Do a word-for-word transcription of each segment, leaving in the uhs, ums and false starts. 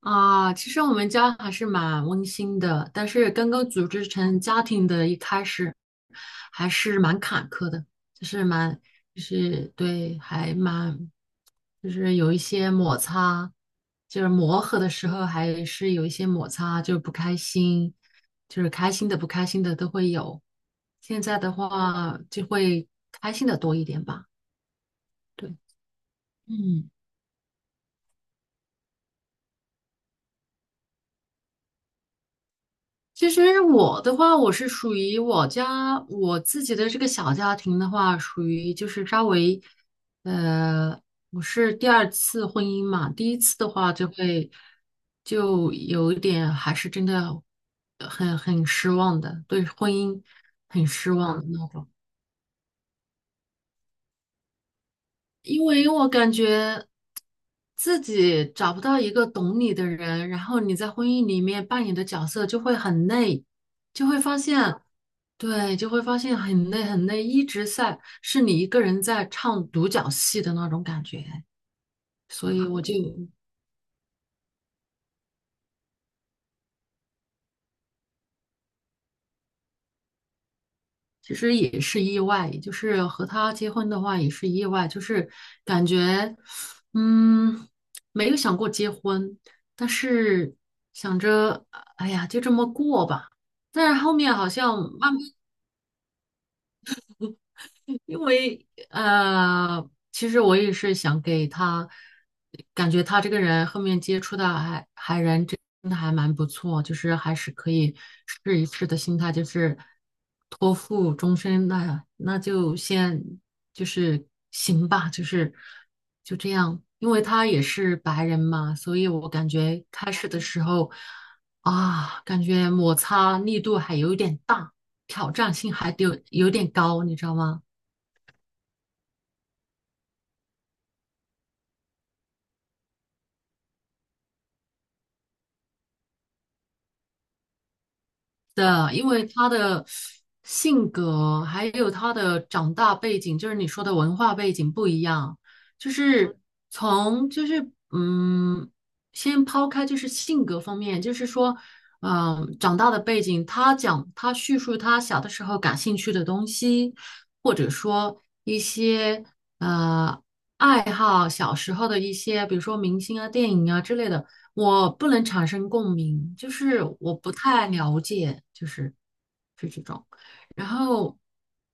啊，其实我们家还是蛮温馨的，但是刚刚组织成家庭的一开始还是蛮坎坷的，就是蛮，就是对，还蛮，就是有一些摩擦，就是磨合的时候还是有一些摩擦，就是不开心，就是开心的不开心的都会有。现在的话就会开心的多一点吧，对，嗯。其实我的话，我是属于我家我自己的这个小家庭的话，属于就是稍微，呃，我是第二次婚姻嘛。第一次的话就会就有一点还是真的很很失望的，对婚姻很失望的那种。因为我感觉自己找不到一个懂你的人，然后你在婚姻里面扮演的角色就会很累，就会发现，对，就会发现很累很累，一直在是你一个人在唱独角戏的那种感觉，所以我就其实也是意外，就是和他结婚的话也是意外，就是感觉，嗯，没有想过结婚，但是想着，哎呀，就这么过吧。但是后面好像慢慢因为呃，其实我也是想给他，感觉他这个人后面接触的还还人真的还蛮不错，就是还是可以试一试的心态，就是托付终身，那那就先就是行吧，就是就这样，因为他也是白人嘛，所以我感觉开始的时候啊，感觉摩擦力度还有点大，挑战性还有有点高，你知道吗？的，因为他的性格还有他的长大背景，就是你说的文化背景不一样，就是从就是嗯，先抛开就是性格方面，就是说，嗯、长大的背景，他讲他叙述他小的时候感兴趣的东西，或者说一些。呃。爱好，小时候的一些，比如说明星啊、电影啊之类的，我不能产生共鸣，就是我不太了解，就是是这种。然后，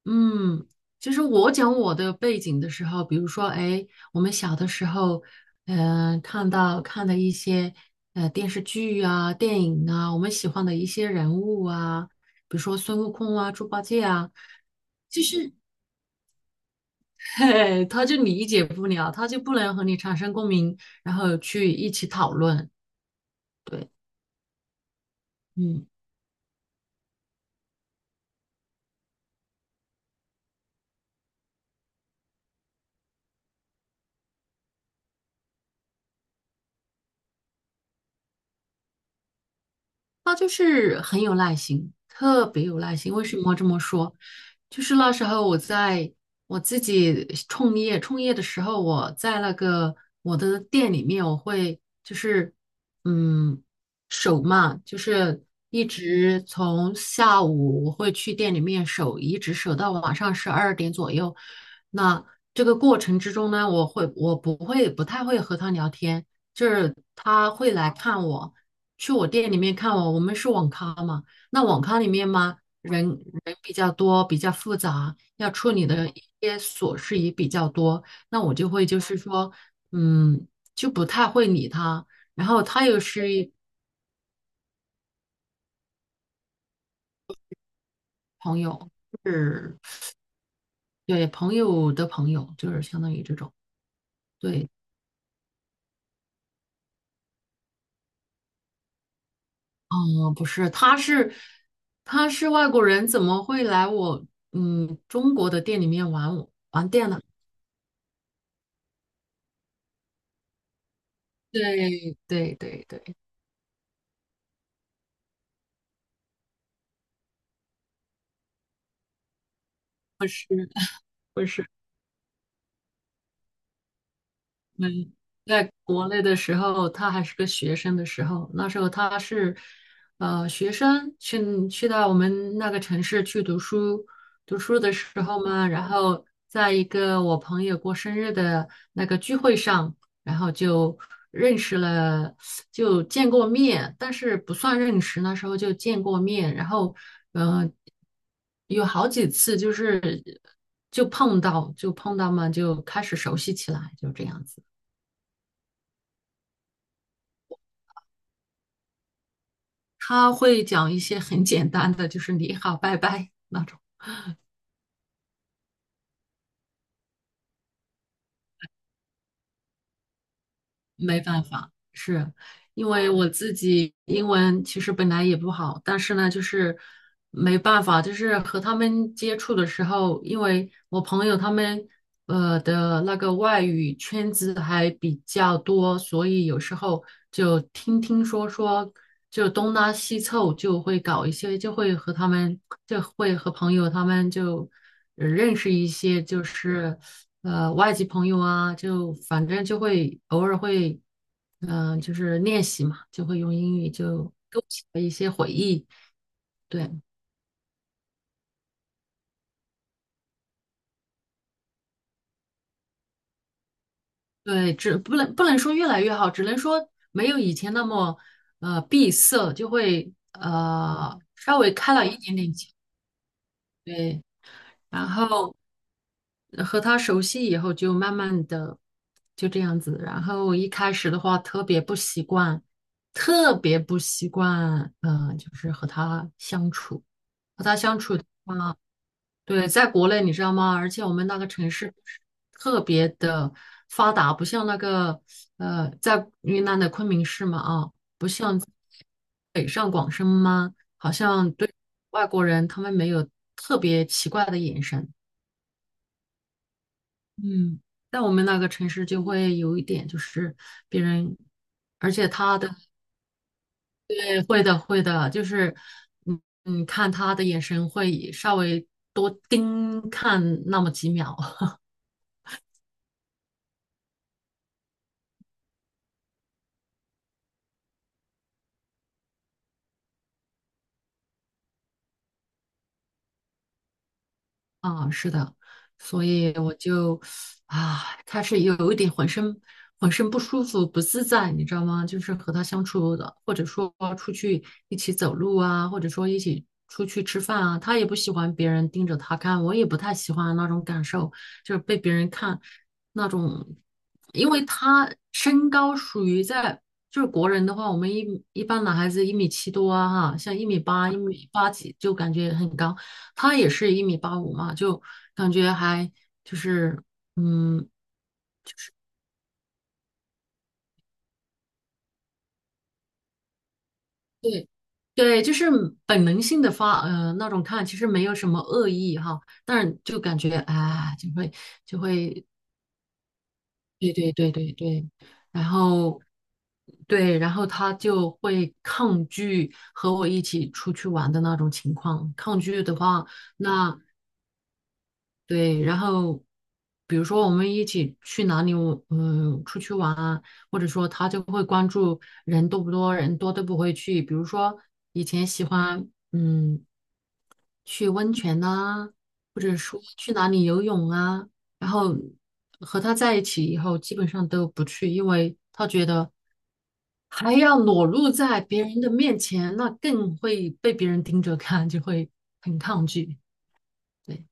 嗯，就是我讲我的背景的时候，比如说，哎，我们小的时候，嗯、看到看的一些呃电视剧啊、电影啊，我们喜欢的一些人物啊，比如说孙悟空啊、猪八戒啊。嘿，他就理解不了，他就不能和你产生共鸣，然后去一起讨论。对，嗯。他就是很有耐心，特别有耐心。为什么这么说？就是那时候我在我自己创业，创业的时候，我在那个我的店里面，我会就是嗯守嘛，就是一直从下午我会去店里面守，一直守到晚上十二点左右。那这个过程之中呢，我会我不会不太会和他聊天，就是他会来看我。去我店里面看我，我们是网咖嘛，那网咖里面嘛，人人比较多，比较复杂，要处理的一些琐事也比较多，那我就会就是说，嗯，就不太会理他。然后他又是朋友，是对朋友的朋友，就是相当于这种。对，嗯，不是，他是他是外国人，怎么会来我嗯中国的店里面玩玩店呢？对对对对，是不是？嗯，在国内的时候，他还是个学生的时候，那时候他是，呃，学生去去到我们那个城市去读书，读书的时候嘛，然后在一个我朋友过生日的那个聚会上，然后就认识了，就见过面，但是不算认识，那时候就见过面，然后，嗯、有好几次就是就碰到，就碰到嘛，就开始熟悉起来，就这样子。他会讲一些很简单的，就是你好，拜拜那种，没办法，是。因为我自己英文其实本来也不好，但是呢，就是没办法，就是和他们接触的时候，因为我朋友他们呃的那个外语圈子还比较多，所以有时候就听听说说，就东拉西凑，就会搞一些，就会和他们，就会和朋友他们就呃认识一些，就是呃外籍朋友啊，就反正就会偶尔会。嗯、就是练习嘛，就会用英语就勾起了一些回忆。对对，只不能不能说越来越好，只能说没有以前那么呃闭塞，就会呃稍微开了一点点窍。对，然后呃和他熟悉以后，就慢慢的就这样子。然后一开始的话，特别不习惯，特别不习惯，嗯、就是和他相处，和他相处的话。对，在国内你知道吗？而且我们那个城市特别的发达，不像那个呃，在云南的昆明市嘛啊，不像北上广深吗？好像对外国人他们没有特别奇怪的眼神。嗯，在我们那个城市就会有一点，就是别人，而且他的对，会的会的，就是嗯嗯，看他的眼神会稍微多盯看那么几秒。啊，是的，所以我就啊，开始有一点浑身浑身不舒服、不自在，你知道吗？就是和他相处的，或者说出去一起走路啊，或者说一起出去吃饭啊，他也不喜欢别人盯着他看，我也不太喜欢那种感受，就是被别人看。那种，因为他身高属于在就是国人的话，我们一一般男孩子一米七多啊，哈，像一米八、一米八几就感觉很高，他也是一米八五嘛，就感觉还就是嗯，对对，就是本能性的发呃那种看，其实没有什么恶意哈，但是就感觉啊，就会就会对对对对对，然后对，然后他就会抗拒和我一起出去玩的那种情况。抗拒的话，那对，然后比如说我们一起去哪里，嗯、出去玩啊，或者说他就会关注人多不多，人多都不会去。比如说以前喜欢，嗯。去温泉呐、或者说去哪里游泳啊，然后和他在一起以后，基本上都不去，因为他觉得还要裸露在别人的面前，那更会被别人盯着看，就会很抗拒。对，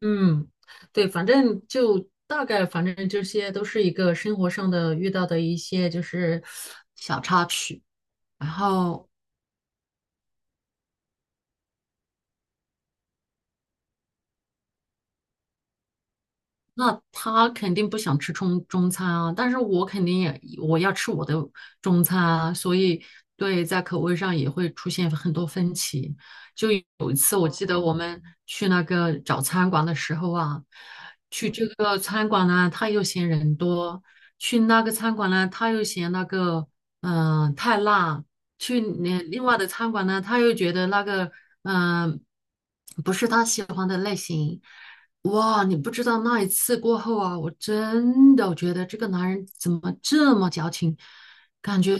嗯，对，反正就大概，反正这些都是一个生活上的遇到的一些就是小插曲，然后。那他肯定不想吃中中餐啊，但是我肯定也我要吃我的中餐啊，所以对，在口味上也会出现很多分歧。就有一次，我记得我们去那个找餐馆的时候啊，去这个餐馆呢，他又嫌人多；去那个餐馆呢，他又嫌那个嗯、呃太辣；去另另外的餐馆呢，他又觉得那个嗯、呃不是他喜欢的类型。哇，你不知道那一次过后啊，我真的觉得这个男人怎么这么矫情，感觉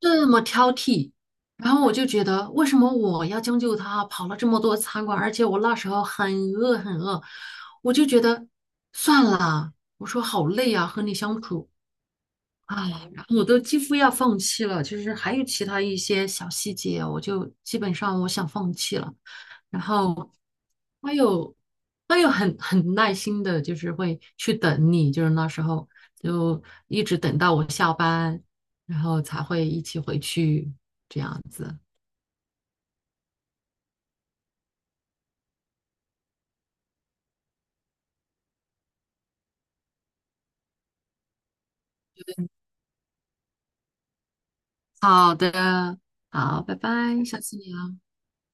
这么挑剔。然后我就觉得，为什么我要将就他？跑了这么多餐馆，而且我那时候很饿很饿，我就觉得算了。我说好累啊，和你相处。啊，然后我都几乎要放弃了，就是还有其他一些小细节，我就基本上我想放弃了。然后他又他又很很耐心的，就是会去等你，就是那时候就一直等到我下班，然后才会一起回去这样子。好的，好，拜拜，下次聊。